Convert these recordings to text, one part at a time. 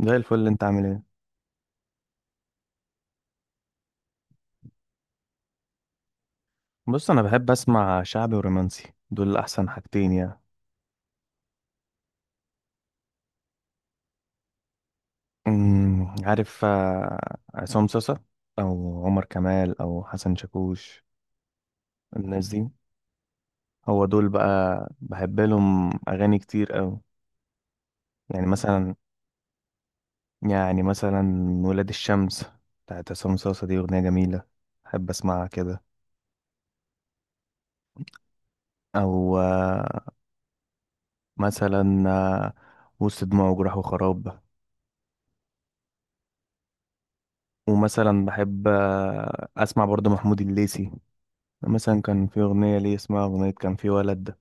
زي الفل اللي انت عامل ايه؟ بص، انا بحب اسمع شعبي ورومانسي، دول احسن حاجتين يعني. عارف، عصام صاصا، او عمر كمال، او حسن شاكوش، الناس دي، هو دول بقى. بحب لهم اغاني كتير أوي. يعني مثلا يعني مثلا ولاد الشمس، بتاعت عصام صاصا، دي اغنية جميلة، بحب اسمعها كده. او مثلا وسط دموع وجراح وخراب. ومثلا بحب اسمع برضه محمود الليثي، مثلا كان في أغنية ليه اسمها أغنية كان في ولد ده.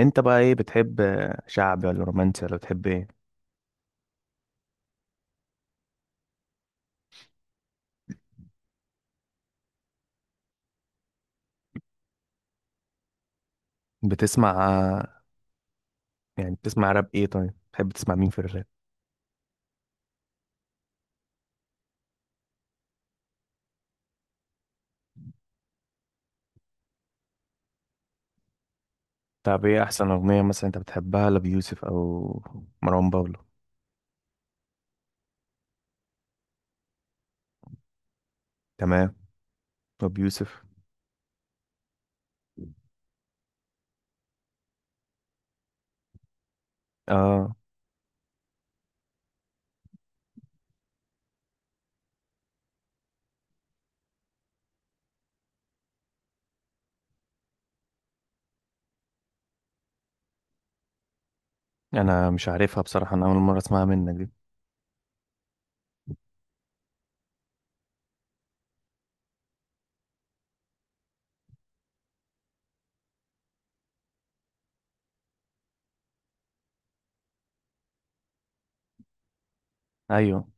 أنت بقى إيه بتحب؟ شعبي ولا رومانسي ولا بتحب إيه؟ بتسمع يعني بتسمع راب إيه؟ طيب، بتحب تسمع مين في الراب؟ طب إيه أحسن أغنية مثلا أنت بتحبها لأبيوسف أو مروان بابلو؟ تمام. أبيوسف. آه. أنا مش عارفها بصراحة، أنا أول مرة أسمعها منك دي. أيوه.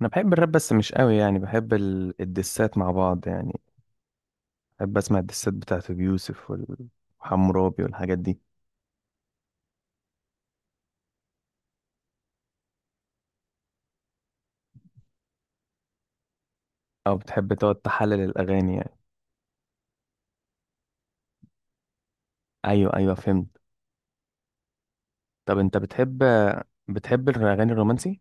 أنا بحب الراب بس مش قوي يعني، بحب الدسات مع بعض يعني. بحب أسمع الدسات بتاعت أبيوسف وحمورابي والحاجات دي. أو بتحب تقعد تحلل الأغاني يعني؟ ايوه، ايوه، فهمت. طب انت بتحب الاغاني الرومانسي؟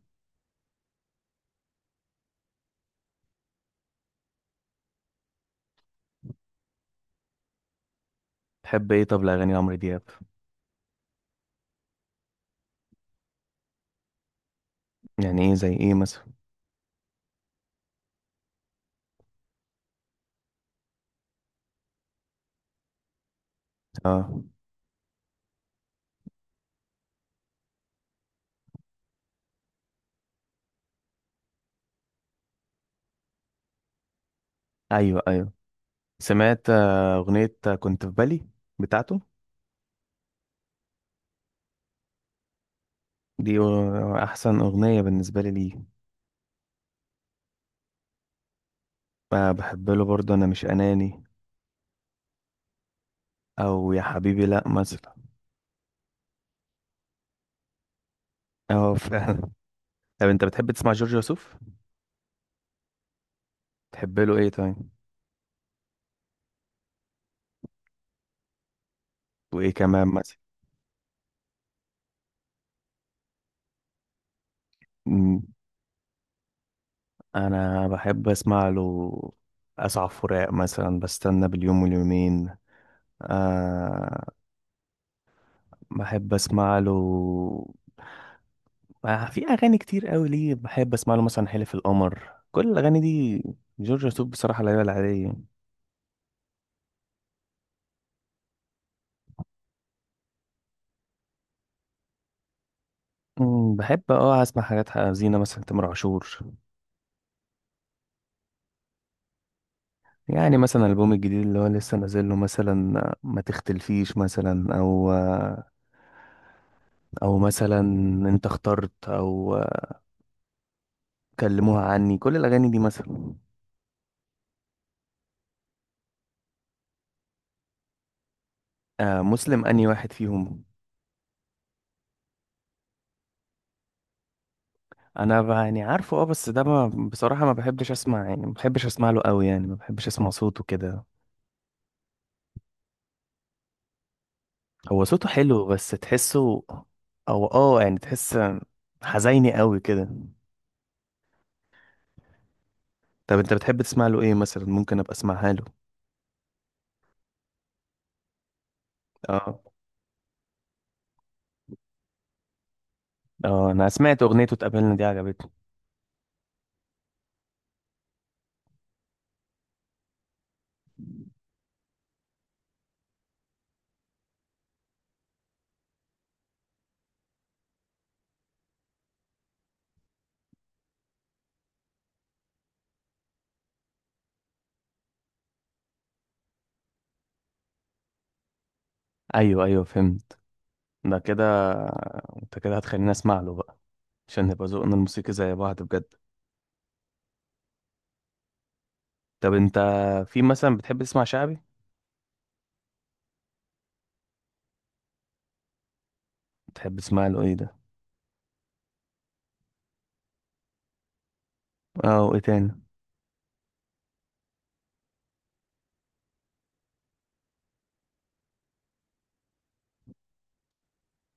تحب ايه طب الاغاني لعمرو دياب؟ يعني ايه زي ايه مثلا؟ اه. ايوه، ايوه، سمعت اغنيه كنت في بالي بتاعته. دي احسن اغنيه بالنسبه لي ليه. بحب له برضه انا مش اناني، او يا حبيبي لا مثلا. اه، فعلا. طب انت بتحب تسمع جورج وسوف؟ تحب له ايه طيب؟ وايه كمان مثلا؟ مم. انا بحب اسمع له اسعى فراق مثلا، بستنى باليوم واليومين. أه. بحب اسمع له في اغاني كتير قوي ليه، بحب اسمع له مثلا حلف القمر، كل الاغاني دي. جورج وسوف بصراحه لا يعلى عليه. بحب اسمع حاجات حزينه مثلا تامر عاشور. يعني مثلا الالبوم الجديد اللي هو لسه نازل له، مثلا ما تختلفيش، مثلا او او مثلا انت اخترت، او كلموها عني، كل الاغاني دي مثلا. آه، مسلم، اني واحد فيهم. يعني عارفه، بس ده، ما بصراحه ما بحبش اسمع يعني، ما بحبش اسمع له قوي يعني، ما بحبش اسمع صوته كده. هو صوته حلو بس تحسه، او يعني تحس حزيني قوي كده. طب انت بتحب تسمع له ايه مثلا ممكن ابقى اسمعها له؟ اه. اه، انا سمعت اغنيته اتقابلنا دي، عجبتني. ايوه، ايوه، فهمت. ده كده، انت كده هتخليني اسمع له بقى، عشان نبقى ذوقنا الموسيقي زي بعض بجد. طب انت، في مثلا بتحب تسمع شعبي؟ بتحب تسمع له ايه ده؟ اه، وايه تاني؟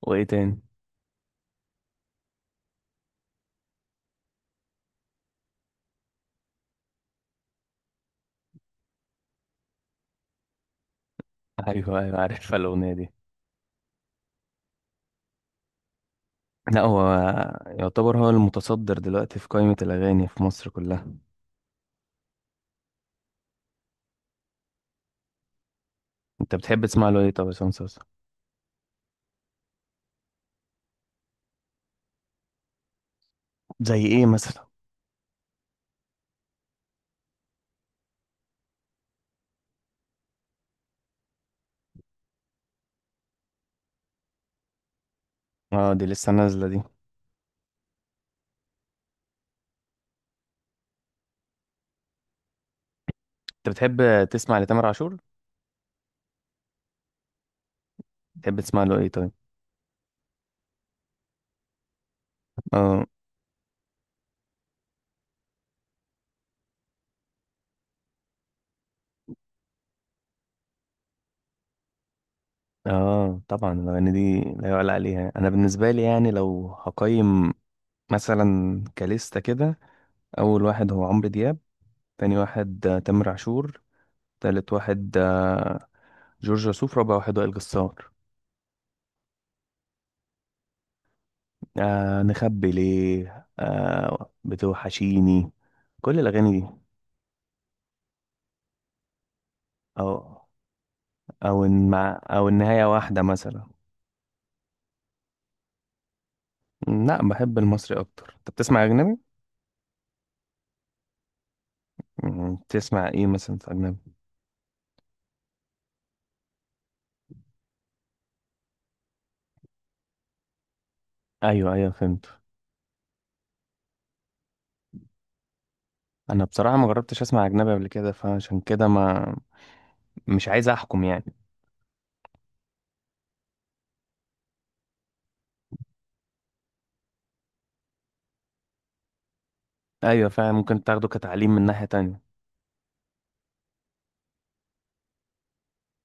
وايه تاني؟ ايوه، ايوه، عارفها الاغنيه دي. لا، هو يعتبر هو المتصدر دلوقتي في قائمه الاغاني في مصر كلها. انت بتحب تسمع له ايه طب يا عصام صاصا؟ زي ايه مثلا؟ اه، دي لسه نازله دي. انت بتحب تسمع لتامر عاشور؟ بتحب تسمع له ايه طيب؟ اه. اه، طبعا الاغاني دي لا يعلى عليها، انا بالنسبه لي يعني لو هقيم مثلا كليستا كده، اول واحد هو عمرو دياب، تاني واحد تامر عاشور، تالت واحد جورج وسوف، رابع واحد وائل جسار. آه، نخبي ليه، بتوحشيني، كل الأغاني دي. أو أو إن مع أو النهاية واحدة مثلا. لا، بحب المصري أكتر. أنت بتسمع أجنبي؟ بتسمع إيه مثلا في أجنبي؟ أيوه، أيوه، فهمت. أنا بصراحة ما جربتش أسمع أجنبي قبل كده، فعشان كده ما مش عايز أحكم يعني. أيوه فعلا، ممكن تاخده كتعليم من ناحية تانية.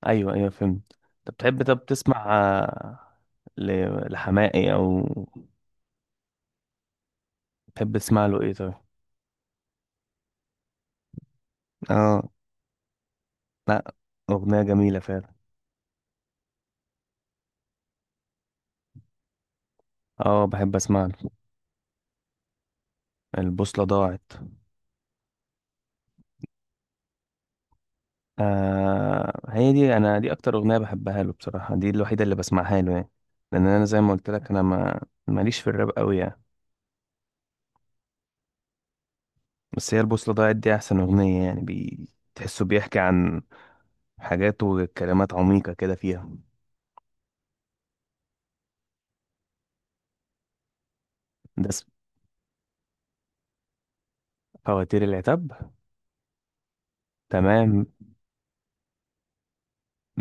أيوه، أيوه، فهمت. أنت بتحب طب تسمع لحماقي أو؟ تحب تسمع له إيه طيب؟ اه، أغنية جميلة فعلا. اه، بحب اسمع له البوصلة ضاعت. آه، هي دي، انا دي اكتر أغنية بحبها له بصراحة، دي الوحيدة اللي بسمعها له يعني، لان انا زي ما قلت لك، انا ما ماليش في الراب قوي يعني. بس هي البوصلة ضاعت دي احسن أغنية يعني تحسه بيحكي عن حاجات وكلمات عميقة كده فيها. ده اسم- فواتير العتاب. تمام،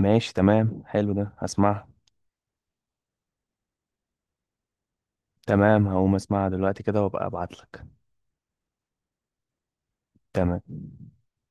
ماشي، تمام، حلو، ده هسمعها. تمام، هقوم اسمعها دلوقتي كده وابقى ابعتلك. تمام.